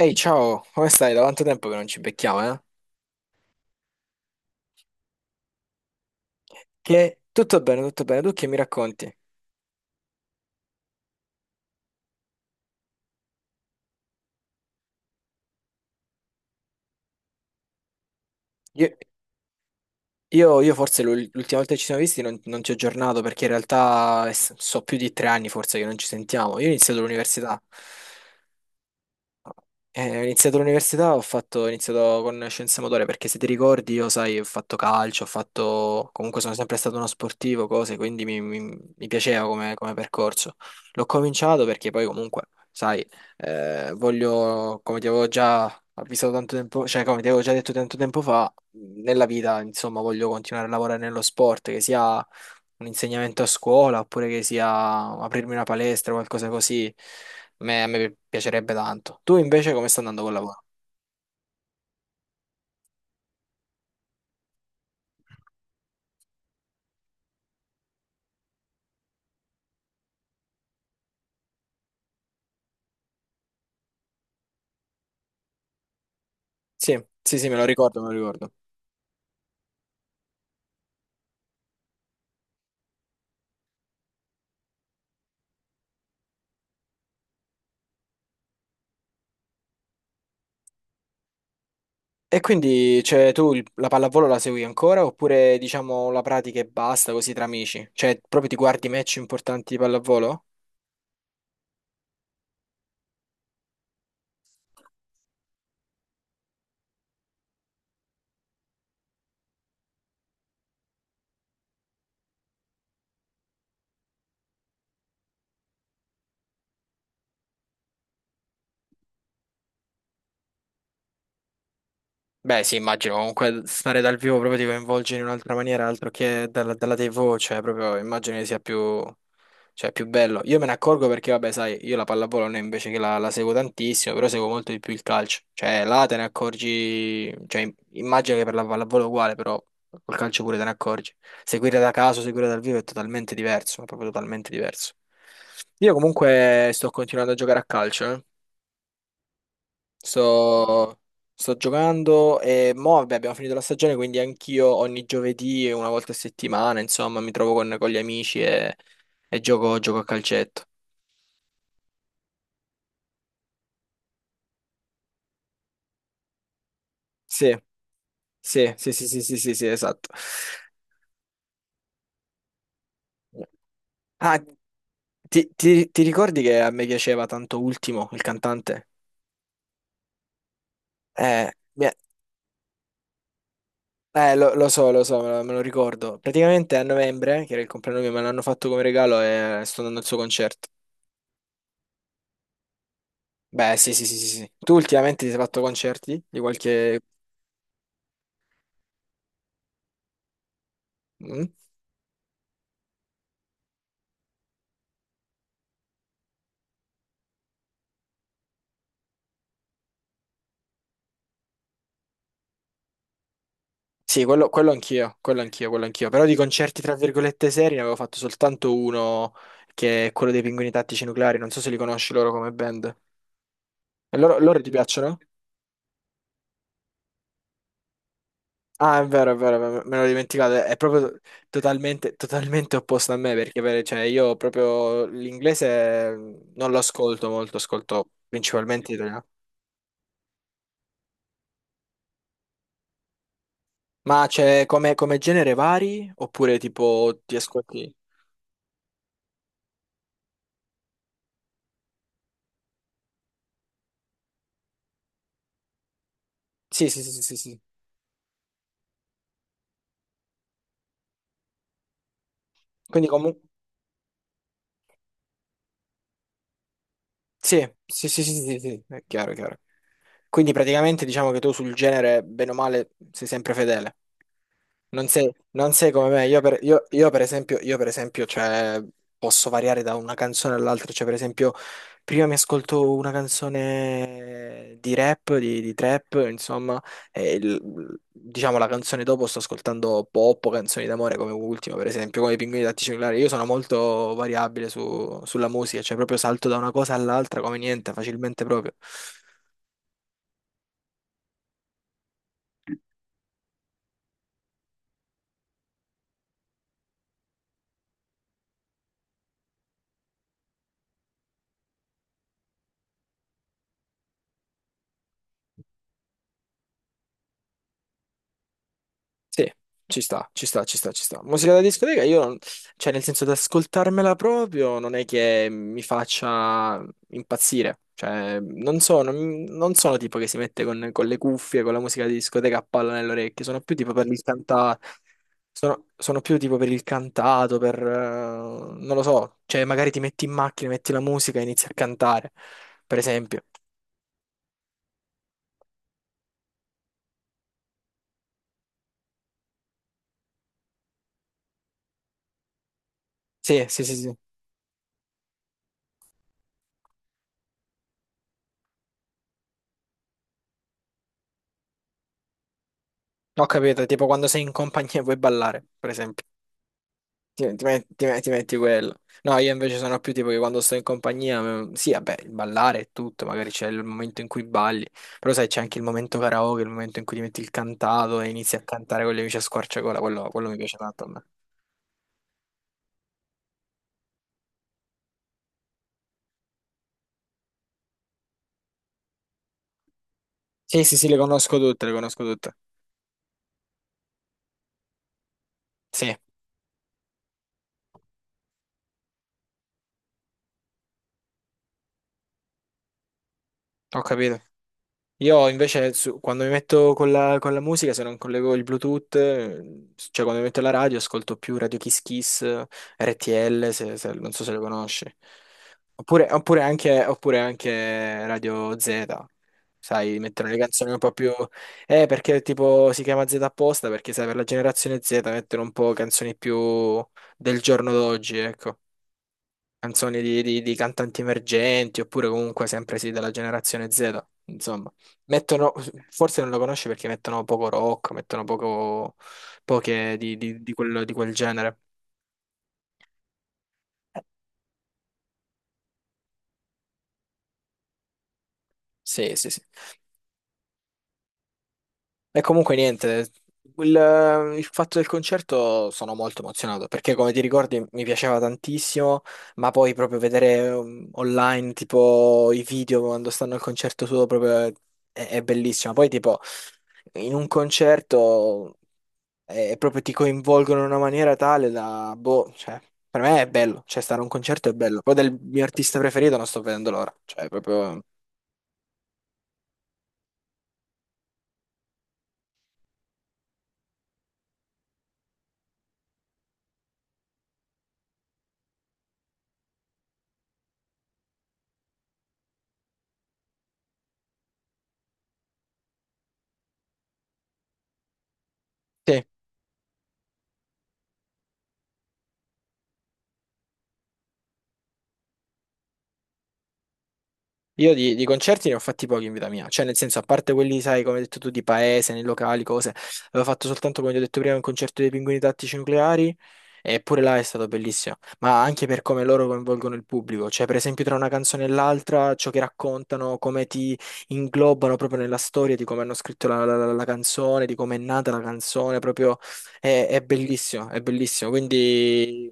Ehi, ciao, come stai? Da quanto tempo che non ci becchiamo, eh? Che tutto bene, tu che mi racconti? Io, io forse l'ultima volta che ci siamo visti non ti ho aggiornato perché in realtà so più di tre anni forse che non ci sentiamo. Io ho iniziato l'università. Ho iniziato l'università, ho iniziato con scienze motorie perché se ti ricordi io, sai, ho fatto calcio, ho fatto, comunque sono sempre stato uno sportivo, cose, quindi mi piaceva come, come percorso. L'ho cominciato perché poi comunque, sai, voglio, come ti avevo già avvisato tanto tempo, cioè come ti avevo già detto tanto tempo fa, nella vita, insomma, voglio continuare a lavorare nello sport, che sia un insegnamento a scuola oppure che sia aprirmi una palestra o qualcosa così, a me piacerebbe tanto. Tu invece come sta andando col lavoro? Sì, sì, sì, me lo ricordo, me lo ricordo. E quindi, cioè, tu la pallavolo la segui ancora oppure diciamo la pratica e basta così tra amici? Cioè, proprio ti guardi match importanti di pallavolo? Beh, sì, immagino comunque stare dal vivo proprio ti coinvolge in un'altra maniera, altro che dalla TV, cioè proprio immagino che sia più. Cioè, è più bello. Io me ne accorgo perché, vabbè, sai, io la pallavolo non è invece che la seguo tantissimo, però seguo molto di più il calcio. Cioè, là te ne accorgi, cioè, immagino che per la pallavolo è uguale, però col calcio pure te ne accorgi. Seguire da caso, seguire dal vivo è totalmente diverso, è proprio totalmente diverso. Io comunque sto continuando a giocare a calcio, eh. Sto, Sto giocando e mo, vabbè, abbiamo finito la stagione, quindi anch'io ogni giovedì e una volta a settimana, insomma, mi trovo con gli amici e gioco a calcetto. Sì, sì, sì, sì, sì, sì, sì, sì, esatto. Ah, ti ricordi che a me piaceva tanto Ultimo, il cantante? Eh, mi- lo so, me lo ricordo. Praticamente a novembre, che era il compleanno mio, me l'hanno fatto come regalo e sto andando al suo concerto. Beh, sì, sì, sì, sì, sì. Tu ultimamente ti sei fatto concerti di qualche... Mm? Sì, quello anch'io, quello anch'io, quello anch'io. Però di concerti, tra virgolette, seri ne avevo fatto soltanto uno, che è quello dei Pinguini Tattici Nucleari. Non so se li conosci loro come band. E loro ti piacciono? Ah, è vero, è vero, è vero, me l'ho dimenticato. È proprio totalmente, totalmente opposto a me perché cioè, io proprio l'inglese non lo ascolto molto, ascolto principalmente italiano. Ma c'è come, come genere vari? Oppure tipo ti ascolti? Sì, sì, sì, sì, sì, sì. Quindi comunque... Sì, sì, sì, sì, sì, sì, è chiaro, è chiaro. Quindi praticamente diciamo che tu sul genere, bene o male, sei sempre fedele. Non sei come me, io per esempio, cioè, posso variare da una canzone all'altra, cioè per esempio prima mi ascolto una canzone di rap, di trap, insomma, e diciamo la canzone dopo sto ascoltando pop o canzoni d'amore come ultimo, per esempio, come i Pinguini Tattici Nucleari, io sono molto variabile sulla musica, cioè proprio salto da una cosa all'altra come niente, facilmente proprio. Sì, ci sta, ci sta, ci sta, ci sta. Musica da discoteca, io, non- cioè nel senso di ascoltarmela proprio, non è che mi faccia impazzire. Cioè, non sono tipo che si mette con le cuffie, con la musica di discoteca a palla nelle orecchie, sono più tipo per il cantato, sono più tipo per il cantato, per... non lo so, cioè magari ti metti in macchina, metti la musica e inizi a cantare, per esempio. Sì, sì, sì, sì. Ho capito, tipo quando sei in compagnia e vuoi ballare, per esempio. Ti metti quello. No, io invece sono più tipo che quando sto in compagnia, mm, sì, vabbè, il ballare è tutto, magari c'è il momento in cui balli, però sai, c'è anche il momento karaoke, il momento in cui ti metti il cantato e inizi a cantare con gli amici a squarciagola, quello mi piace tanto a me. Sì, sì, sì, le conosco tutte, le conosco tutte. Sì, ho capito. Io invece quando mi metto con con la musica, se non collego il Bluetooth, cioè quando mi metto la radio, ascolto più Radio Kiss Kiss, RTL, non so se le conosci. Oppure anche Radio Z. Sai, mettono le canzoni un po' più... perché tipo si chiama Z apposta, perché sai, per la generazione Z mettono un po' canzoni più del giorno d'oggi, ecco canzoni di cantanti emergenti oppure comunque sempre sì della generazione Z, insomma. Mettono, forse non lo conosci perché mettono poco rock, mettono poco, poche di di quel genere. Sì, sì, sì. E comunque niente, il fatto del concerto sono molto emozionato perché come ti ricordi mi piaceva tantissimo, ma poi proprio vedere online tipo i video quando stanno al concerto suo proprio è bellissimo. Poi tipo in un concerto è, proprio ti coinvolgono in una maniera tale da, boh, cioè per me è bello, cioè stare a un concerto è bello. Poi del mio artista preferito non sto vedendo l'ora, cioè proprio... Sì. Io di concerti ne ho fatti pochi in vita mia, cioè nel senso, a parte quelli, sai, come hai detto tu, di paese, nei locali, cose, avevo fatto soltanto, come ti ho detto prima, un concerto dei Pinguini Tattici Nucleari, e pure là è stato bellissimo, ma anche per come loro coinvolgono il pubblico, cioè per esempio tra una canzone e l'altra, ciò che raccontano, come ti inglobano proprio nella storia, di come hanno scritto la canzone, di come è nata la canzone, proprio è bellissimo, quindi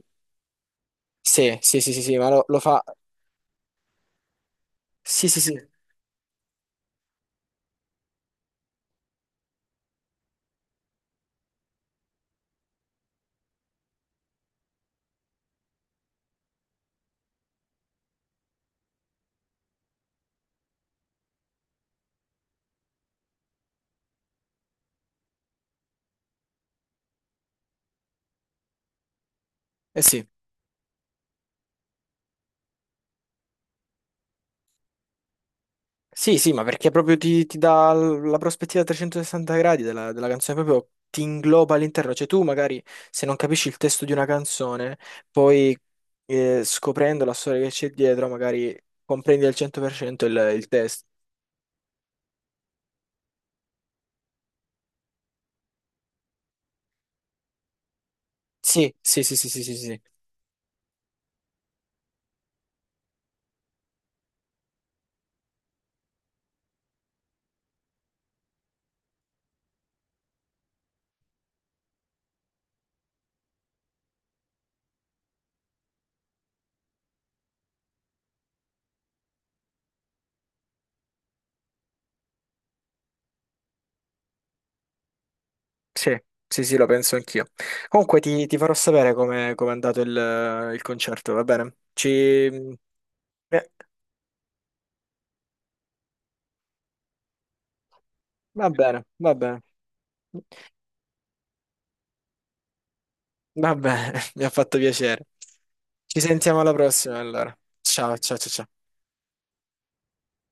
sì, sì, sì, sì, sì, ma lo fa, sì, sì, sì, eh sì. Sì, sì, ma perché proprio ti dà la prospettiva a 360 gradi della canzone, proprio ti ingloba all'interno. Cioè tu magari se non capisci il testo di una canzone, poi scoprendo la storia che c'è dietro, magari comprendi al 100% il testo. Sì, sì, sì, sì, sì, sì, sì, sì, sì, sì, lo penso anch'io. Comunque ti farò sapere come come è andato il concerto, va bene? Ci... va bene, va bene. Va bene, mi ha fatto piacere. Ci sentiamo alla prossima allora. Ciao, ciao, ciao, ciao.